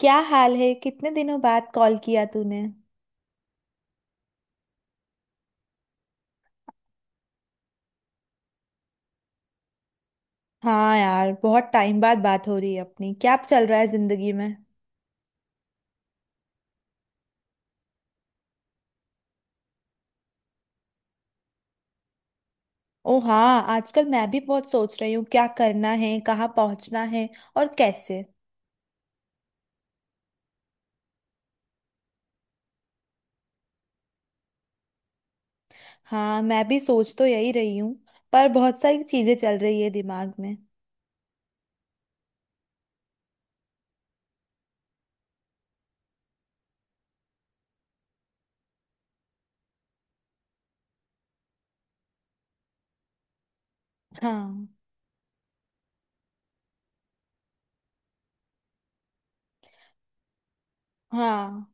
क्या हाल है? कितने दिनों बाद कॉल किया तूने। हाँ यार, बहुत टाइम बाद बात हो रही है अपनी। क्या चल रहा है जिंदगी में? ओ हाँ, आजकल मैं भी बहुत सोच रही हूँ क्या करना है, कहाँ पहुँचना है और कैसे। हाँ, मैं भी सोच तो यही रही हूँ। पर बहुत सारी चीजें चल रही है दिमाग में। हाँ। हाँ,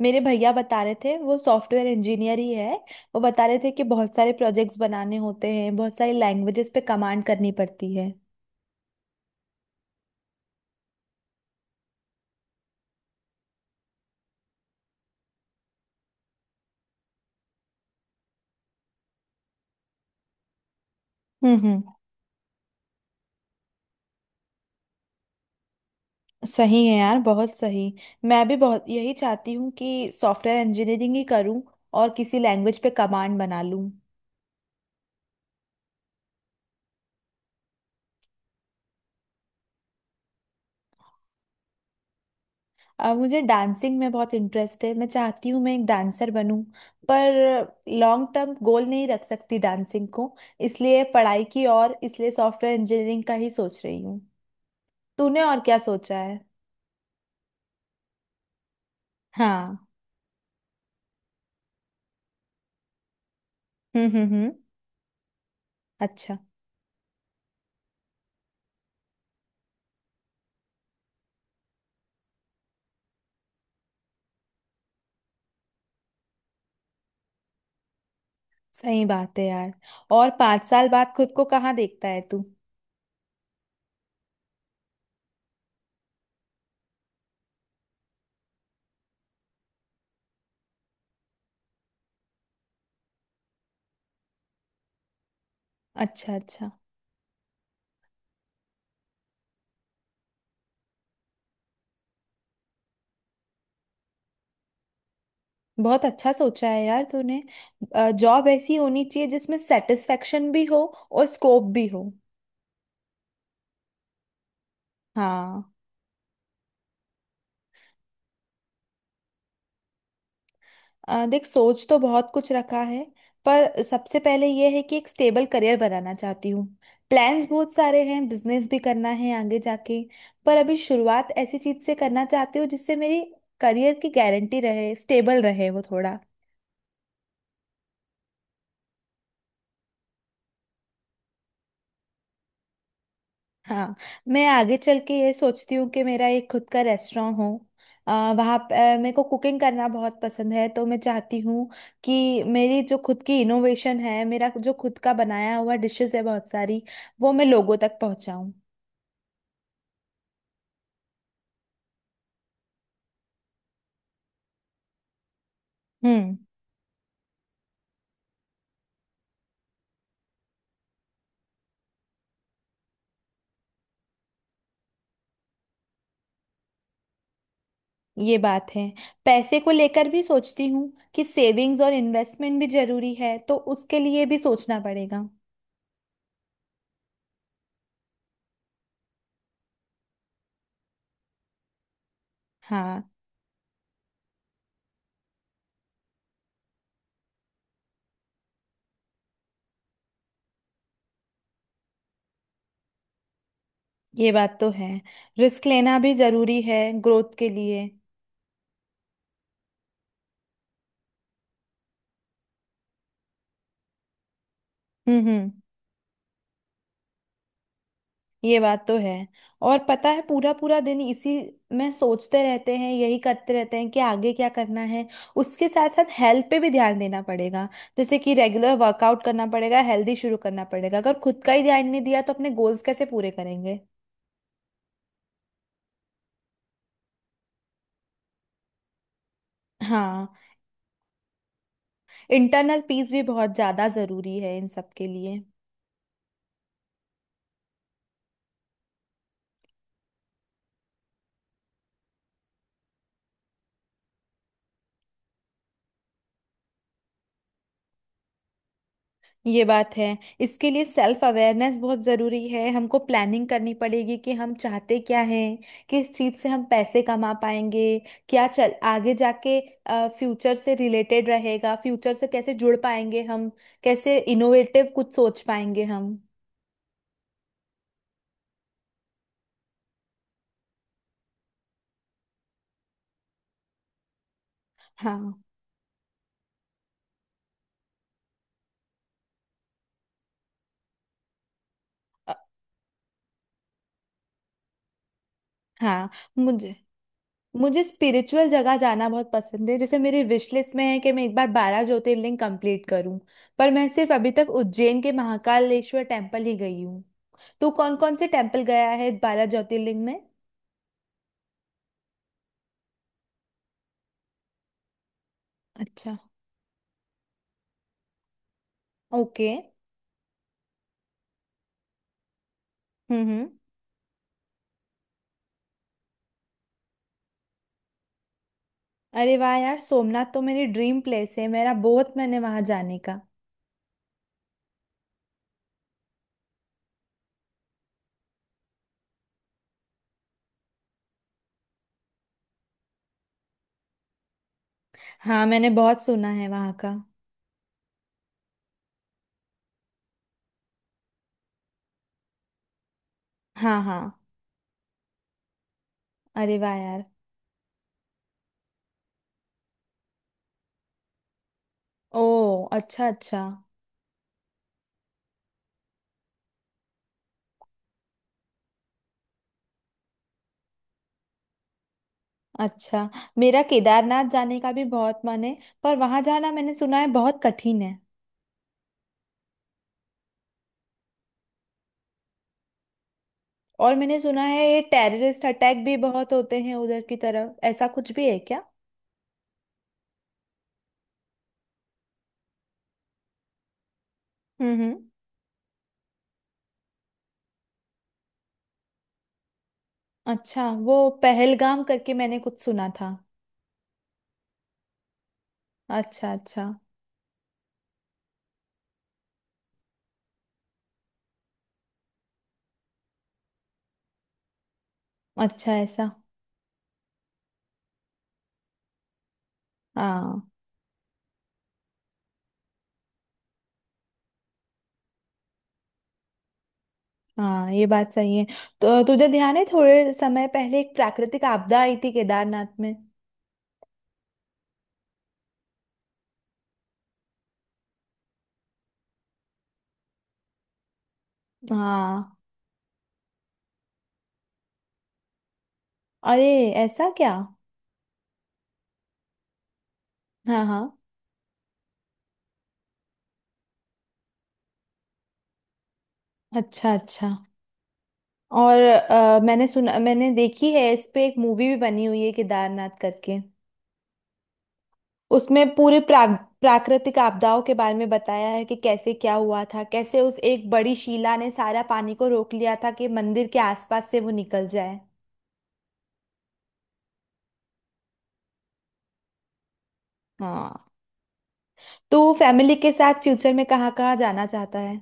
मेरे भैया बता रहे थे, वो सॉफ्टवेयर इंजीनियर ही है। वो बता रहे थे कि बहुत सारे प्रोजेक्ट्स बनाने होते हैं, बहुत सारी लैंग्वेजेस पे कमांड करनी पड़ती है। हम्म। सही है यार, बहुत सही। मैं भी बहुत यही चाहती हूँ कि सॉफ्टवेयर इंजीनियरिंग ही करूँ और किसी लैंग्वेज पे कमांड बना लूँ। मुझे डांसिंग में बहुत इंटरेस्ट है। मैं चाहती हूँ मैं एक डांसर बनूँ। पर लॉन्ग टर्म गोल नहीं रख सकती डांसिंग को, इसलिए पढ़ाई की और इसलिए सॉफ्टवेयर इंजीनियरिंग का ही सोच रही हूँ। तूने और क्या सोचा है? हाँ। हम्म। अच्छा। सही बात है यार। और 5 साल बाद खुद को कहाँ देखता है तू? अच्छा अच्छा। बहुत अच्छा सोचा है यार तूने। जॉब ऐसी होनी चाहिए जिसमें सेटिस्फेक्शन भी हो और स्कोप भी हो। हाँ। देख, सोच तो बहुत कुछ रखा है। पर सबसे पहले यह है कि एक स्टेबल करियर बनाना चाहती हूँ। प्लान्स बहुत सारे हैं, बिजनेस भी करना है आगे जाके। पर अभी शुरुआत ऐसी चीज से करना चाहती हूँ जिससे मेरी करियर की गारंटी रहे, स्टेबल रहे वो थोड़ा। हाँ। मैं आगे चल के ये सोचती हूँ कि मेरा एक खुद का रेस्टोरेंट हो। आ, वहाँ प- अ, मेरे को कुकिंग करना बहुत पसंद है तो मैं चाहती हूँ कि मेरी जो खुद की इनोवेशन है, मेरा जो खुद का बनाया हुआ डिशेस है बहुत सारी, वो मैं लोगों तक पहुँचाऊँ। हम्म। ये बात है। पैसे को लेकर भी सोचती हूँ कि सेविंग्स और इन्वेस्टमेंट भी जरूरी है, तो उसके लिए भी सोचना पड़ेगा। हाँ, ये बात तो है। रिस्क लेना भी जरूरी है ग्रोथ के लिए। हम्म। ये बात तो है। और पता है, पूरा पूरा दिन इसी में सोचते रहते हैं, यही करते रहते हैं कि आगे क्या करना है। उसके साथ साथ हेल्थ पे भी ध्यान देना पड़ेगा। जैसे कि रेगुलर वर्कआउट करना पड़ेगा, हेल्दी शुरू करना पड़ेगा। अगर खुद का ही ध्यान नहीं दिया तो अपने गोल्स कैसे पूरे करेंगे? हाँ। इंटरनल पीस भी बहुत ज़्यादा ज़रूरी है इन सब के लिए। ये बात है। इसके लिए सेल्फ अवेयरनेस बहुत ज़रूरी है। हमको प्लानिंग करनी पड़ेगी कि हम चाहते क्या हैं, किस चीज़ से हम पैसे कमा पाएंगे, क्या चल आगे जाके फ्यूचर से रिलेटेड रहेगा। फ्यूचर से कैसे जुड़ पाएंगे हम? कैसे इनोवेटिव कुछ सोच पाएंगे हम? हाँ। अ, हाँ, मुझे मुझे स्पिरिचुअल जगह जाना बहुत पसंद है। जैसे मेरी विश लिस्ट में है कि मैं एक बार 12 ज्योतिर्लिंग कंप्लीट करूं। पर मैं सिर्फ अभी तक उज्जैन के महाकालेश्वर टेम्पल ही गई हूँ। तो कौन कौन से टेम्पल गया है 12 ज्योतिर्लिंग में? अच्छा। ओके। हम्म। अरे वाह यार, सोमनाथ तो मेरी ड्रीम प्लेस है। मेरा बहुत मन है वहां जाने का। हाँ, मैंने बहुत सुना है वहां का। हाँ हाँ। अरे वाह यार। ओ। अच्छा अच्छा। अच्छा। मेरा केदारनाथ जाने का भी बहुत मन है। पर वहां जाना मैंने सुना है बहुत कठिन है। और मैंने सुना है ये टेररिस्ट अटैक भी बहुत होते हैं उधर की तरफ। ऐसा कुछ भी है क्या? हम्म। अच्छा। वो पहलगाम करके मैंने कुछ सुना था। अच्छा अच्छा। अच्छा ऐसा? हाँ हाँ। ये बात सही है। तो तुझे ध्यान है थोड़े समय पहले एक प्राकृतिक आपदा आई थी केदारनाथ में? हाँ। अरे, ऐसा क्या? हाँ हाँ। अच्छा अच्छा। और मैंने सुना, मैंने देखी है इस पे एक मूवी भी बनी हुई है केदारनाथ करके। उसमें पूरे प्राकृतिक आपदाओं के बारे में बताया है कि कैसे क्या हुआ था, कैसे उस एक बड़ी शिला ने सारा पानी को रोक लिया था कि मंदिर के आसपास से वो निकल जाए। हाँ। तो फैमिली के साथ फ्यूचर में कहाँ कहाँ जाना चाहता है?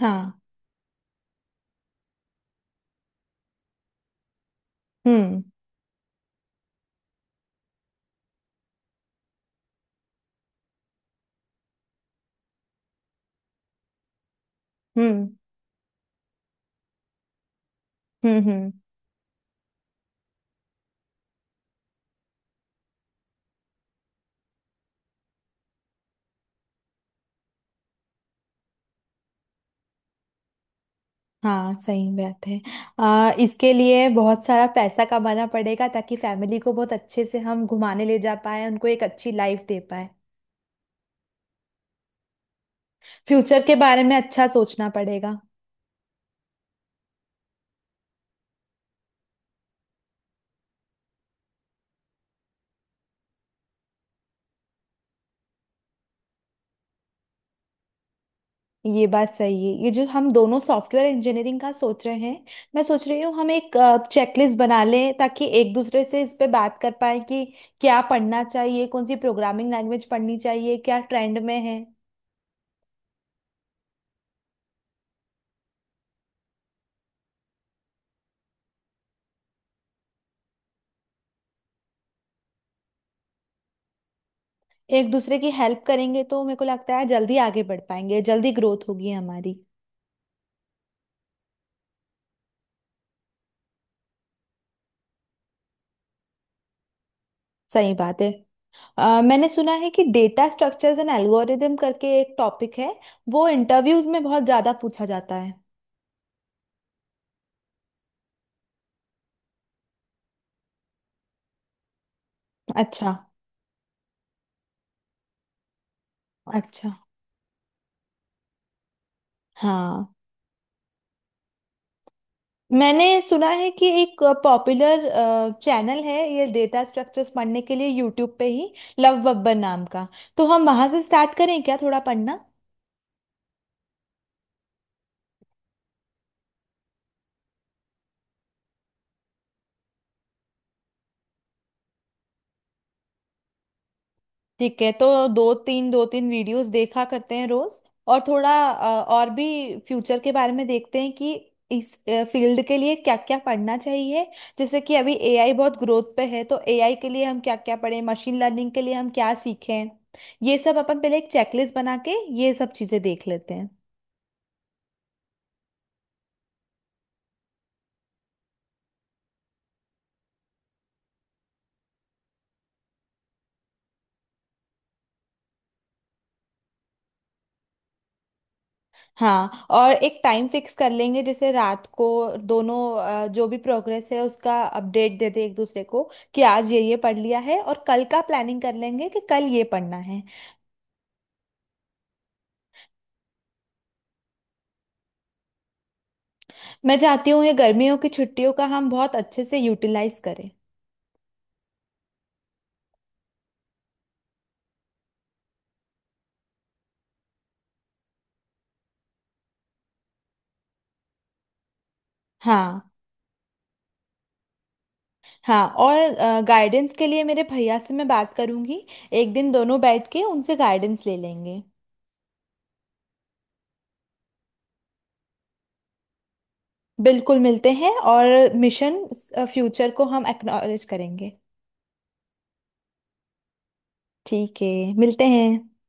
हाँ। हम्म हम्म हम्म। हाँ, सही बात है। इसके लिए बहुत सारा पैसा कमाना पड़ेगा ताकि फैमिली को बहुत अच्छे से हम घुमाने ले जा पाए, उनको एक अच्छी लाइफ दे पाए। फ्यूचर के बारे में अच्छा सोचना पड़ेगा। ये बात सही है। ये जो हम दोनों सॉफ्टवेयर इंजीनियरिंग का सोच रहे हैं, मैं सोच रही हूँ हम एक चेकलिस्ट बना लें ताकि एक दूसरे से इस पे बात कर पाए कि क्या पढ़ना चाहिए, कौन सी प्रोग्रामिंग लैंग्वेज पढ़नी चाहिए, क्या ट्रेंड में है। एक दूसरे की हेल्प करेंगे तो मेरे को लगता है जल्दी आगे बढ़ पाएंगे, जल्दी ग्रोथ होगी हमारी। सही बात है। मैंने सुना है कि डेटा स्ट्रक्चर्स एंड एल्गोरिदम करके एक टॉपिक है। वो इंटरव्यूज में बहुत ज्यादा पूछा जाता है। अच्छा अच्छा। हाँ, मैंने सुना है कि एक पॉपुलर चैनल है ये डेटा स्ट्रक्चर्स पढ़ने के लिए यूट्यूब पे ही, लव बब्बर नाम का। तो हम वहां से स्टार्ट करें क्या थोड़ा पढ़ना? ठीक है तो दो तीन वीडियोस देखा करते हैं रोज। और थोड़ा और भी फ्यूचर के बारे में देखते हैं कि इस फील्ड के लिए क्या क्या पढ़ना चाहिए। जैसे कि अभी एआई बहुत ग्रोथ पे है तो एआई के लिए हम क्या क्या पढ़ें, मशीन लर्निंग के लिए हम क्या सीखें। ये सब अपन पहले एक चेकलिस्ट बना के ये सब चीजें देख लेते हैं। हाँ, और एक टाइम फिक्स कर लेंगे जैसे रात को दोनों जो भी प्रोग्रेस है उसका अपडेट दे दे एक दूसरे को, कि आज ये पढ़ लिया है और कल का प्लानिंग कर लेंगे कि कल ये पढ़ना है। मैं चाहती हूँ ये गर्मियों की छुट्टियों का हम बहुत अच्छे से यूटिलाइज करें। हाँ हाँ। और गाइडेंस के लिए मेरे भैया से मैं बात करूंगी। एक दिन दोनों बैठ के उनसे गाइडेंस ले लेंगे। बिल्कुल, मिलते हैं और मिशन फ्यूचर को हम एक्नॉलेज करेंगे। ठीक है, मिलते हैं।